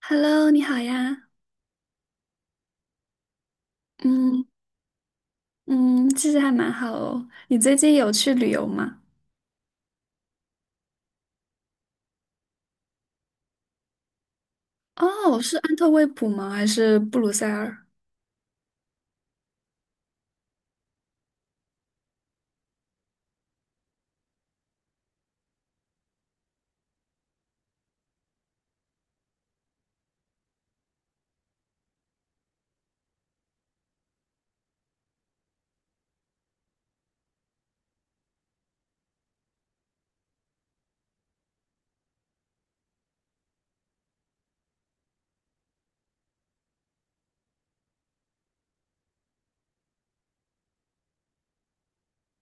Hello，你好呀。嗯嗯，其实还蛮好哦。你最近有去旅游吗？哦，是安特卫普吗？还是布鲁塞尔？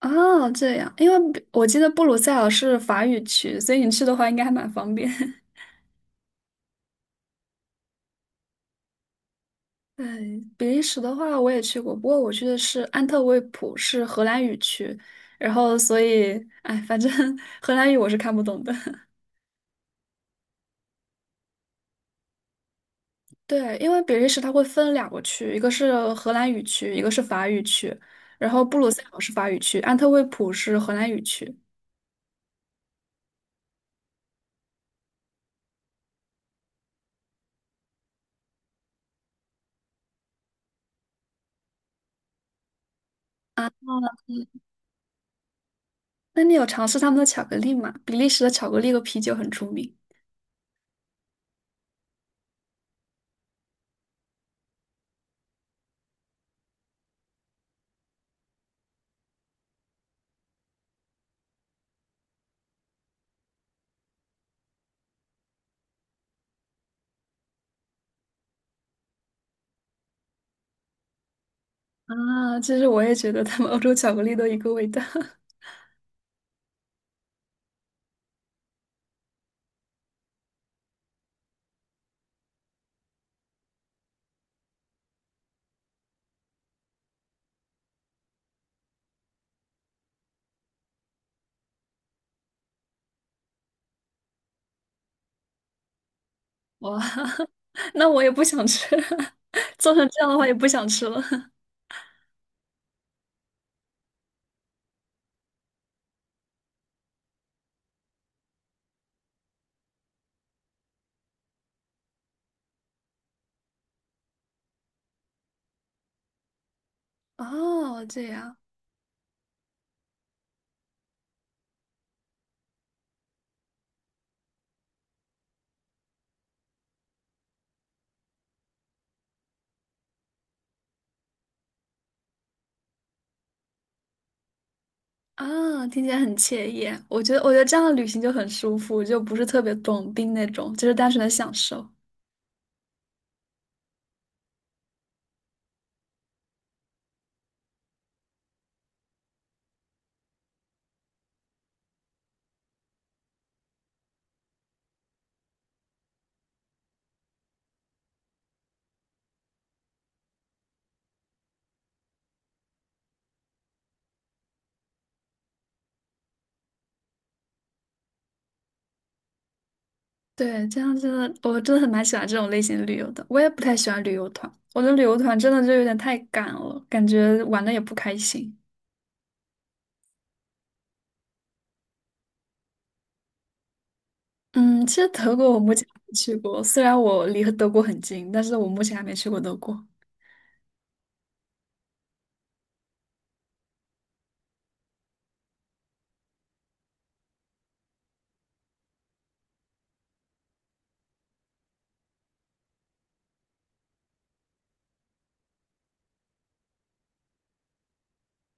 哦，这样，因为我记得布鲁塞尔是法语区，所以你去的话应该还蛮方便。对，比利时的话我也去过，不过我去的是安特卫普，是荷兰语区，然后所以，哎，反正 荷兰语我是看不懂的。对，因为比利时它会分两个区，一个是荷兰语区，一个是法语区，然后布鲁塞尔是法语区，安特卫普是荷兰语区。那你有尝试他们的巧克力吗？比利时的巧克力和啤酒很出名。啊，其实我也觉得他们欧洲巧克力都一个味道。哇，那我也不想吃，做成这样的话也不想吃了。哦，这样啊。听起来很惬意啊。我觉得，我觉得这样的旅行就很舒服，就不是特别短兵那种，就是单纯的享受。对，这样真的，我真的很蛮喜欢这种类型的旅游的。我也不太喜欢旅游团，我觉得旅游团真的就有点太赶了，感觉玩的也不开心。嗯，其实德国我目前还没去过，虽然我离德国很近，但是我目前还没去过德国。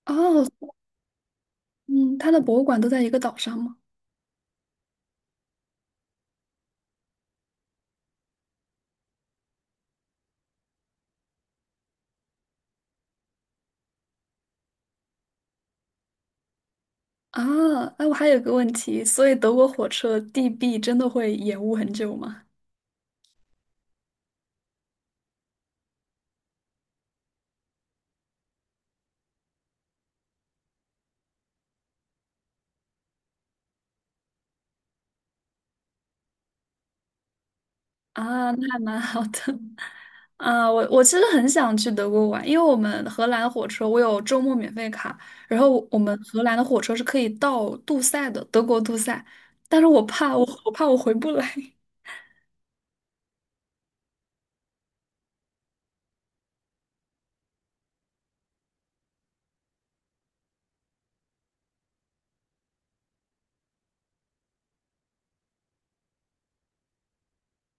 哦，嗯，它的博物馆都在一个岛上吗？啊，哎，我还有个问题，所以德国火车 DB 真的会延误很久吗？啊，那还蛮好的。啊，我其实很想去德国玩，因为我们荷兰火车我有周末免费卡，然后我们荷兰的火车是可以到杜塞的，德国杜塞，但是我怕我回不来。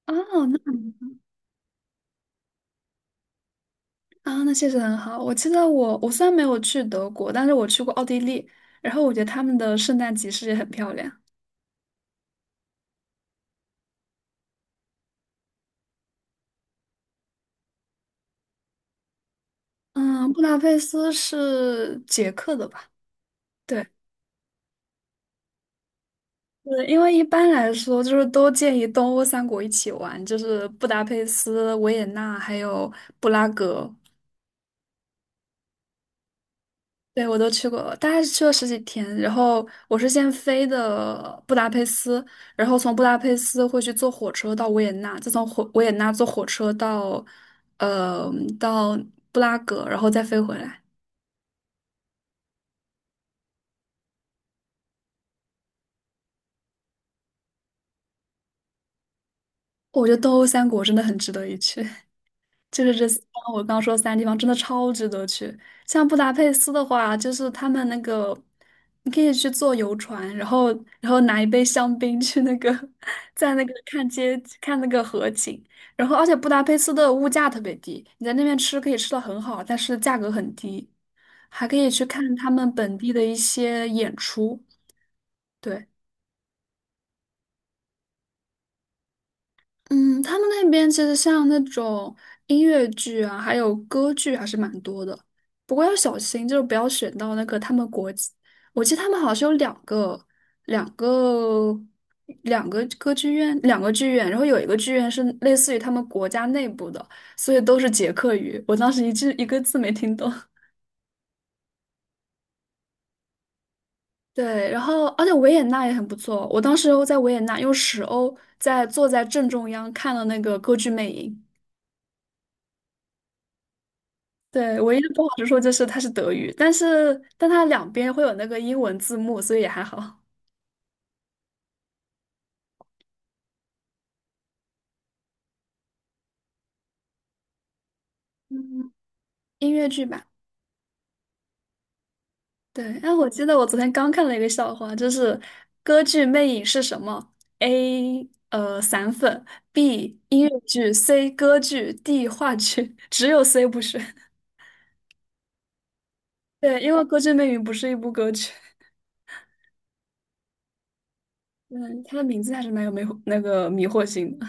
哦，那那确实很好。我记得我虽然没有去德国，但是我去过奥地利，然后我觉得他们的圣诞集市也很漂亮。嗯，布达佩斯是捷克的吧？对。是因为一般来说，就是都建议东欧三国一起玩，就是布达佩斯、维也纳还有布拉格。对，我都去过，大概是去了十几天。然后我是先飞的布达佩斯，然后从布达佩斯会去坐火车到维也纳，再从维也纳坐火车到呃到布拉格，然后再飞回来。我觉得东欧三国真的很值得一去。就是我刚刚说的三个地方真的超值得去。像布达佩斯的话，就是他们那个，你可以去坐游船，然后拿一杯香槟去那个，在那个看那个河景。然后而且布达佩斯的物价特别低，你在那边吃可以吃的很好，但是价格很低，还可以去看他们本地的一些演出。对。嗯，他们那边其实像那种音乐剧啊，还有歌剧还是蛮多的。不过要小心，就是不要选到那个他们国际我记得他们好像是有两个、两个歌剧院、两个剧院，然后有一个剧院是类似于他们国家内部的，所以都是捷克语。我当时一句一个字没听懂。对，然后而且维也纳也很不错，我当时在维也纳用十欧坐在正中央看了那个歌剧魅影。对，唯一的不好之说就是它是德语，但是但它两边会有那个英文字幕，所以也还好。嗯，音乐剧吧，对。哎，我记得我昨天刚看了一个笑话，就是歌剧《魅影》是什么？A 散粉，B 音乐剧，C 歌剧，D 话剧，只有 C 不是。对，因为歌剧《魅影》不是一部歌剧。嗯，它的名字还是蛮有迷惑性的。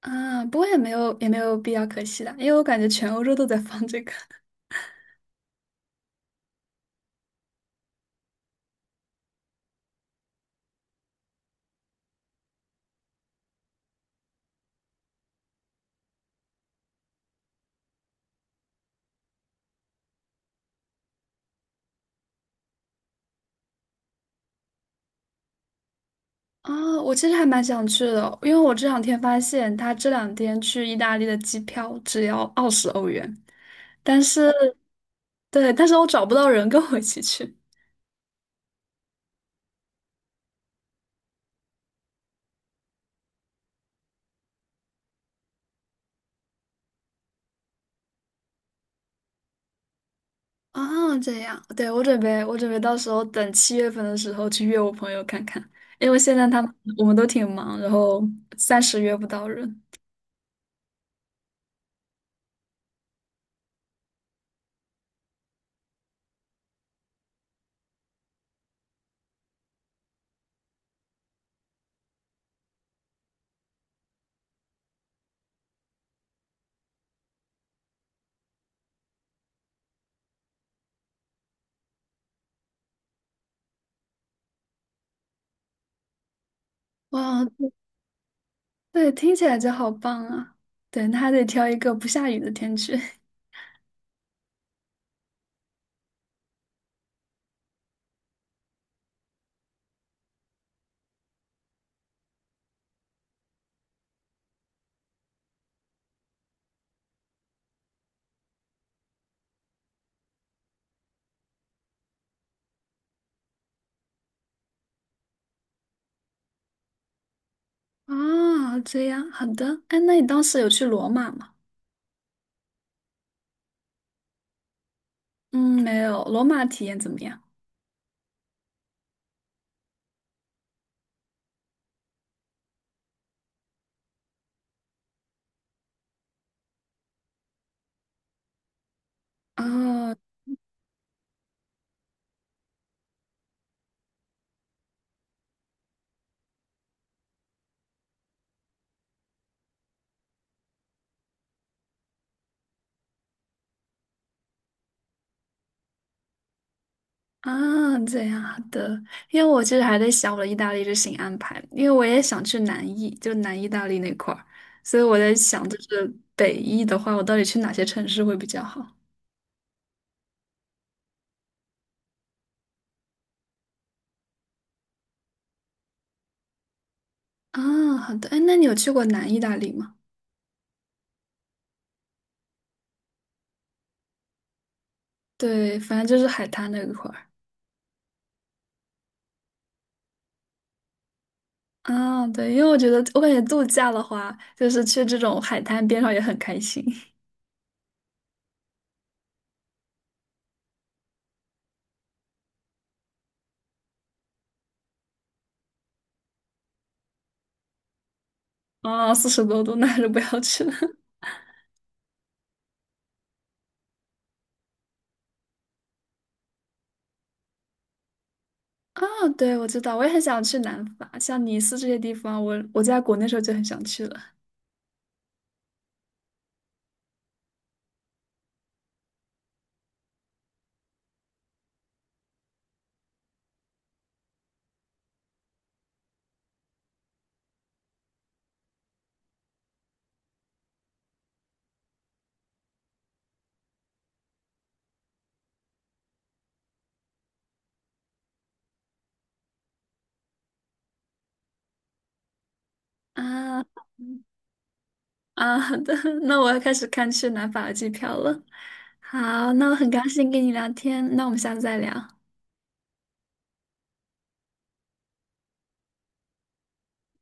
啊，不过也没有必要可惜的，因为我感觉全欧洲都在放这个。啊，我其实还蛮想去的，因为我这两天发现，他这两天去意大利的机票只要20欧元，但是对，但是我找不到人跟我一起去。啊，这样，对，我准备到时候等七月份的时候去约我朋友看看，因为现在我们都挺忙，然后暂时约不到人。哇，对，听起来就好棒啊！对，那还得挑一个不下雨的天去。啊，这样，好的。哎，那你当时有去罗马吗？嗯，没有，罗马体验怎么样？哦。啊，这样的，因为我其实还在想我的意大利之行安排，因为我也想去南意，就南意大利那块儿，所以我在想，就是北意的话，我到底去哪些城市会比较好？啊，好的，哎，那你有去过南意大利吗？对，反正就是海滩那一块儿。啊，对，因为我觉得，我感觉度假的话，就是去这种海滩边上也很开心。啊，40多度，那还是不要去了。啊，对，我知道，我也很想去南法，像尼斯这些地方，我在国内时候就很想去了。啊啊，好的，那我要开始看去南法的机票了。好，那我很高兴跟你聊天，那我们下次再聊。